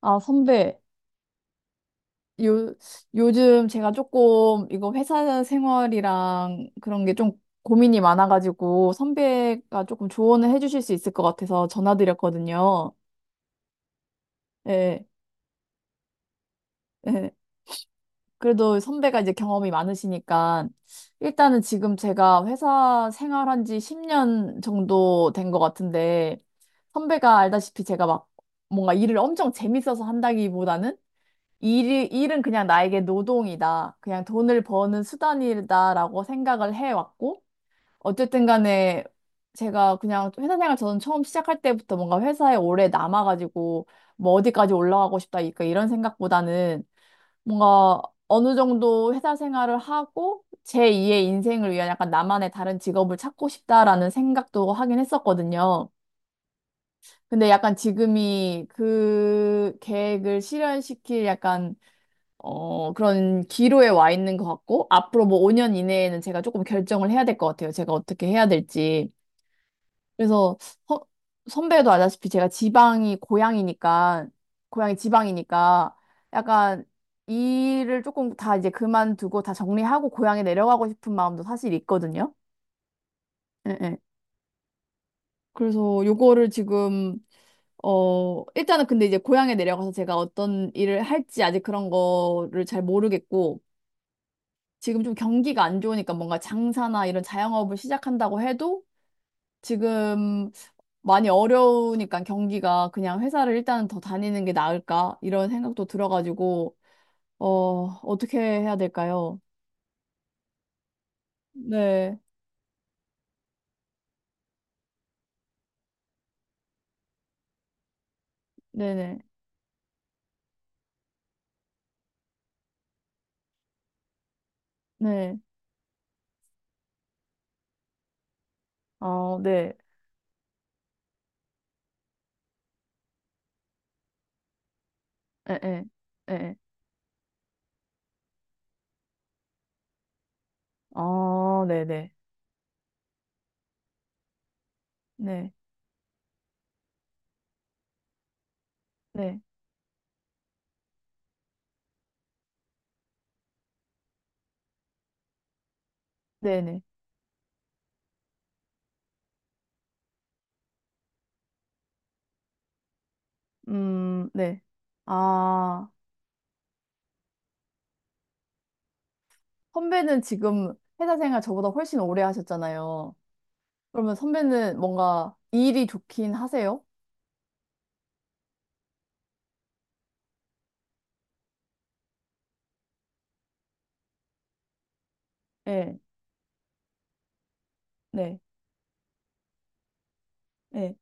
아, 선배, 요, 요즘 제가 조금 이거 회사 생활이랑 그런 게 좀 고민이 많아가지고 선배가 조금 조언을 해주실 수 있을 것 같아서 전화드렸거든요. 예, 예. 그래도 선배가 이제 경험이 많으시니까 일단은 지금 제가 회사 생활한 지 10년 정도 된 것 같은데 선배가 알다시피 제가 막 뭔가 일을 엄청 재밌어서 한다기보다는 일은 그냥 나에게 노동이다. 그냥 돈을 버는 수단이다라고 생각을 해왔고, 어쨌든 간에 제가 그냥 회사 생활 저는 처음 시작할 때부터 뭔가 회사에 오래 남아가지고 뭐 어디까지 올라가고 싶다, 그러니까 이런 생각보다는 뭔가 어느 정도 회사 생활을 하고 제2의 인생을 위한 약간 나만의 다른 직업을 찾고 싶다라는 생각도 하긴 했었거든요. 근데 약간 지금이 그 계획을 실현시킬 약간 그런 기로에 와 있는 것 같고, 앞으로 뭐 5년 이내에는 제가 조금 결정을 해야 될 것 같아요. 제가 어떻게 해야 될지. 그래서 허- 선배도 아다시피 제가 지방이 고향이니까, 고향이 지방이니까, 약간 일을 조금 다 이제 그만두고 다 정리하고 고향에 내려가고 싶은 마음도 사실 있거든요. 예, 예. 그래서 요거를 지금 일단은 근데 이제 고향에 내려가서 제가 어떤 일을 할지 아직 그런 거를 잘 모르겠고, 지금 좀 경기가 안 좋으니까 뭔가 장사나 이런 자영업을 시작한다고 해도 지금 많이 어려우니까 경기가 그냥 회사를 일단은 더 다니는 게 나을까? 이런 생각도 들어가지고, 어, 어떻게 해야 될까요? 네, 네네, 네. 어, 네, 에, 에, 에, 에. 어, 네네, 네, 네, 네네. 네. 아, 선배는 지금 회사 생활 저보다 훨씬 오래 하셨잖아요. 그러면 선배는 뭔가 일이 좋긴 하세요? 네, 네, 네,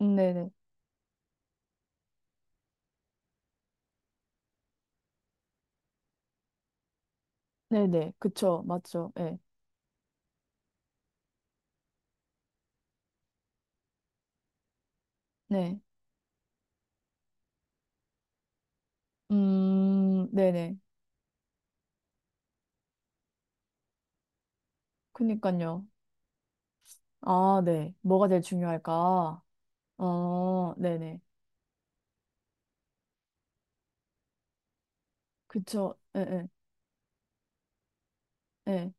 네네. 네네. 그쵸. 맞죠. 네, 네. 네네. 그니까요. 아, 네. 뭐가 제일 중요할까? 어, 네네. 그쵸. 예, 예, 예.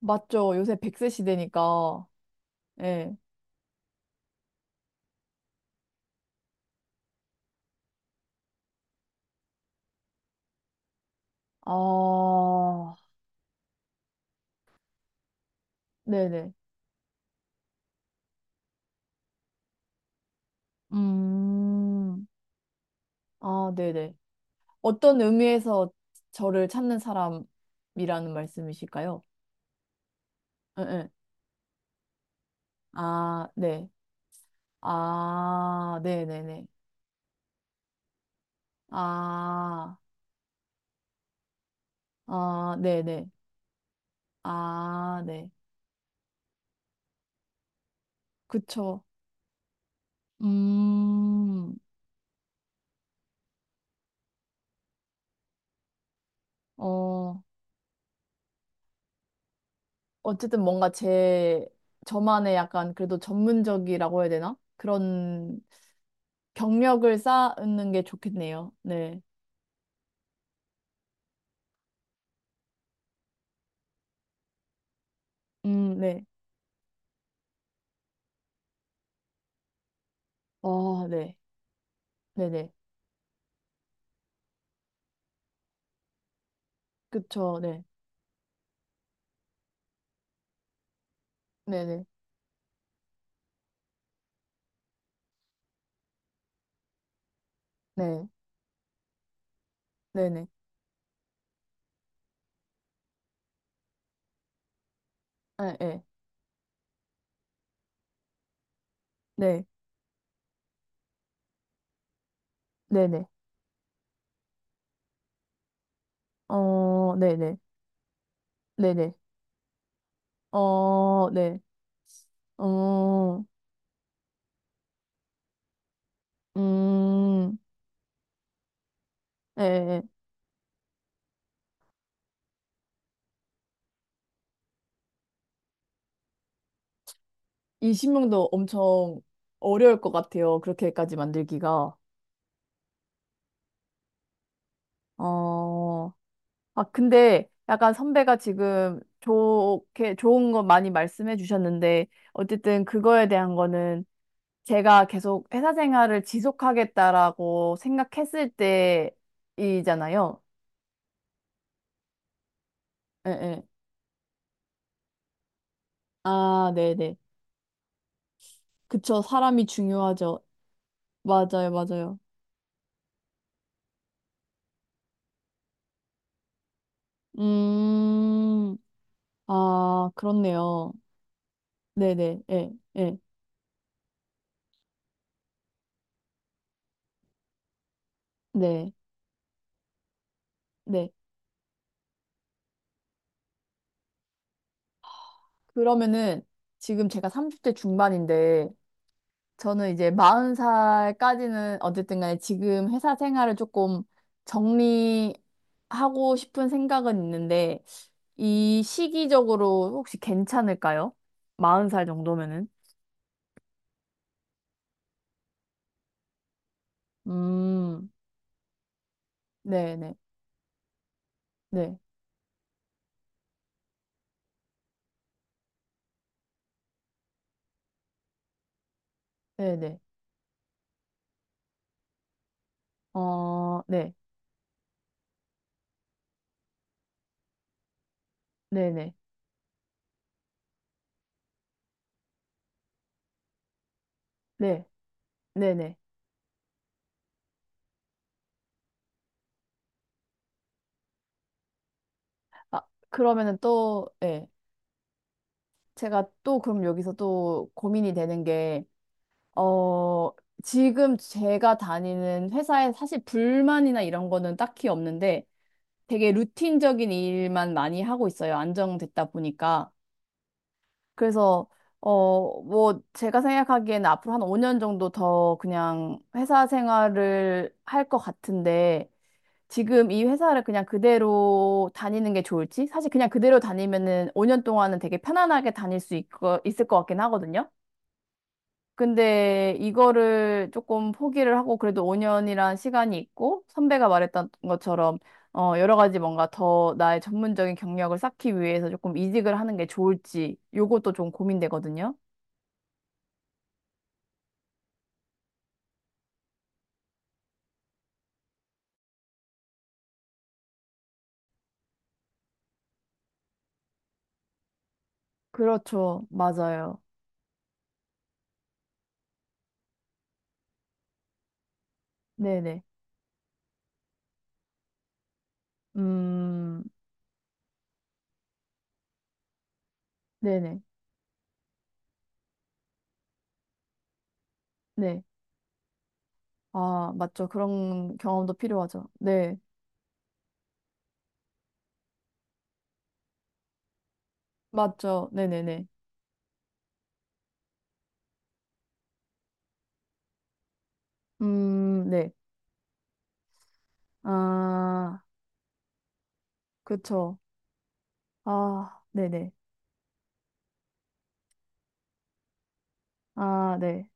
맞죠. 요새 100세 시대니까. 예. 아, 네네. 음, 아, 네네. 어떤 의미에서 저를 찾는 사람이라는 말씀이실까요? 예, 예. 아, 네. 아, 네네네. 아, 아, 네네. 아, 네. 그쵸. 음, 어, 어쨌든 뭔가 제, 저만의 약간 그래도 전문적이라고 해야 되나? 그런 경력을 쌓는 게 좋겠네요. 네. 네. 어, 네. 네네. 그쵸. 네. 네네. 네. 네네. 네. 네. 네. 네네. 어, 네네. 네네. 어, 네. 어, 음, 예, 예. 이 신명도 엄청 어려울 것 같아요. 그렇게까지 만들기가. 어, 아, 근데 약간 선배가 지금 좋게, 좋은 거 많이 말씀해 주셨는데, 어쨌든 그거에 대한 거는 제가 계속 회사 생활을 지속하겠다라고 생각했을 때이잖아요. 예, 예. 아, 네네. 그쵸. 사람이 중요하죠. 맞아요, 맞아요. 음. 아, 그렇네요. 네네, 예, 예, 네, 네. 그러면은 지금 제가 30대 중반인데, 저는 이제 40살까지는 어쨌든 간에 지금 회사 생활을 조금 정리하고 싶은 생각은 있는데, 이 시기적으로 혹시 괜찮을까요? 40살 정도면은? 음, 네 네, 네, 네네. 어, 네, 네 네, 네, 네 네. 아, 그러면은 또, 예. 제가 또 그럼 여기서 또 고민이 되는 게, 어, 지금 제가 다니는 회사에 사실 불만이나 이런 거는 딱히 없는데 되게 루틴적인 일만 많이 하고 있어요. 안정됐다 보니까. 그래서, 제가 생각하기에는 앞으로 한 5년 정도 더 그냥 회사 생활을 할 것 같은데 지금 이 회사를 그냥 그대로 다니는 게 좋을지? 사실 그냥 그대로 다니면은 5년 동안은 되게 편안하게 다닐 수 있을 것 같긴 하거든요. 근데 이거를 조금 포기를 하고 그래도 5년이란 시간이 있고 선배가 말했던 것처럼 여러 가지 뭔가 더 나의 전문적인 경력을 쌓기 위해서 조금 이직을 하는 게 좋을지 요것도 좀 고민되거든요. 그렇죠. 맞아요. 네네. 음, 네네. 네. 아, 맞죠. 그런 경험도 필요하죠. 네. 맞죠. 네네네. 네. 아, 그쵸. 아, 네네. 아, 네.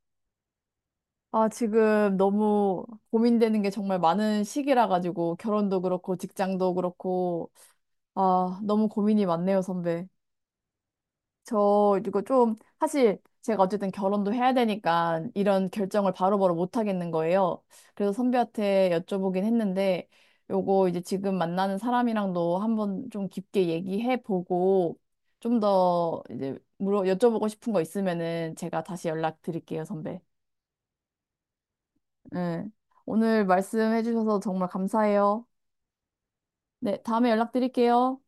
아, 지금 너무 고민되는 게 정말 많은 시기라 가지고 결혼도 그렇고 직장도 그렇고 아, 너무 고민이 많네요, 선배. 저 이거 좀 사실 제가 어쨌든 결혼도 해야 되니까 이런 결정을 바로바로 못 하겠는 거예요. 그래서 선배한테 여쭤보긴 했는데 요거 이제 지금 만나는 사람이랑도 한번 좀 깊게 얘기해 보고 좀 더 이제 물어 여쭤보고 싶은 거 있으면은 제가 다시 연락드릴게요, 선배. 네. 오늘 말씀해 주셔서 정말 감사해요. 네, 다음에 연락드릴게요.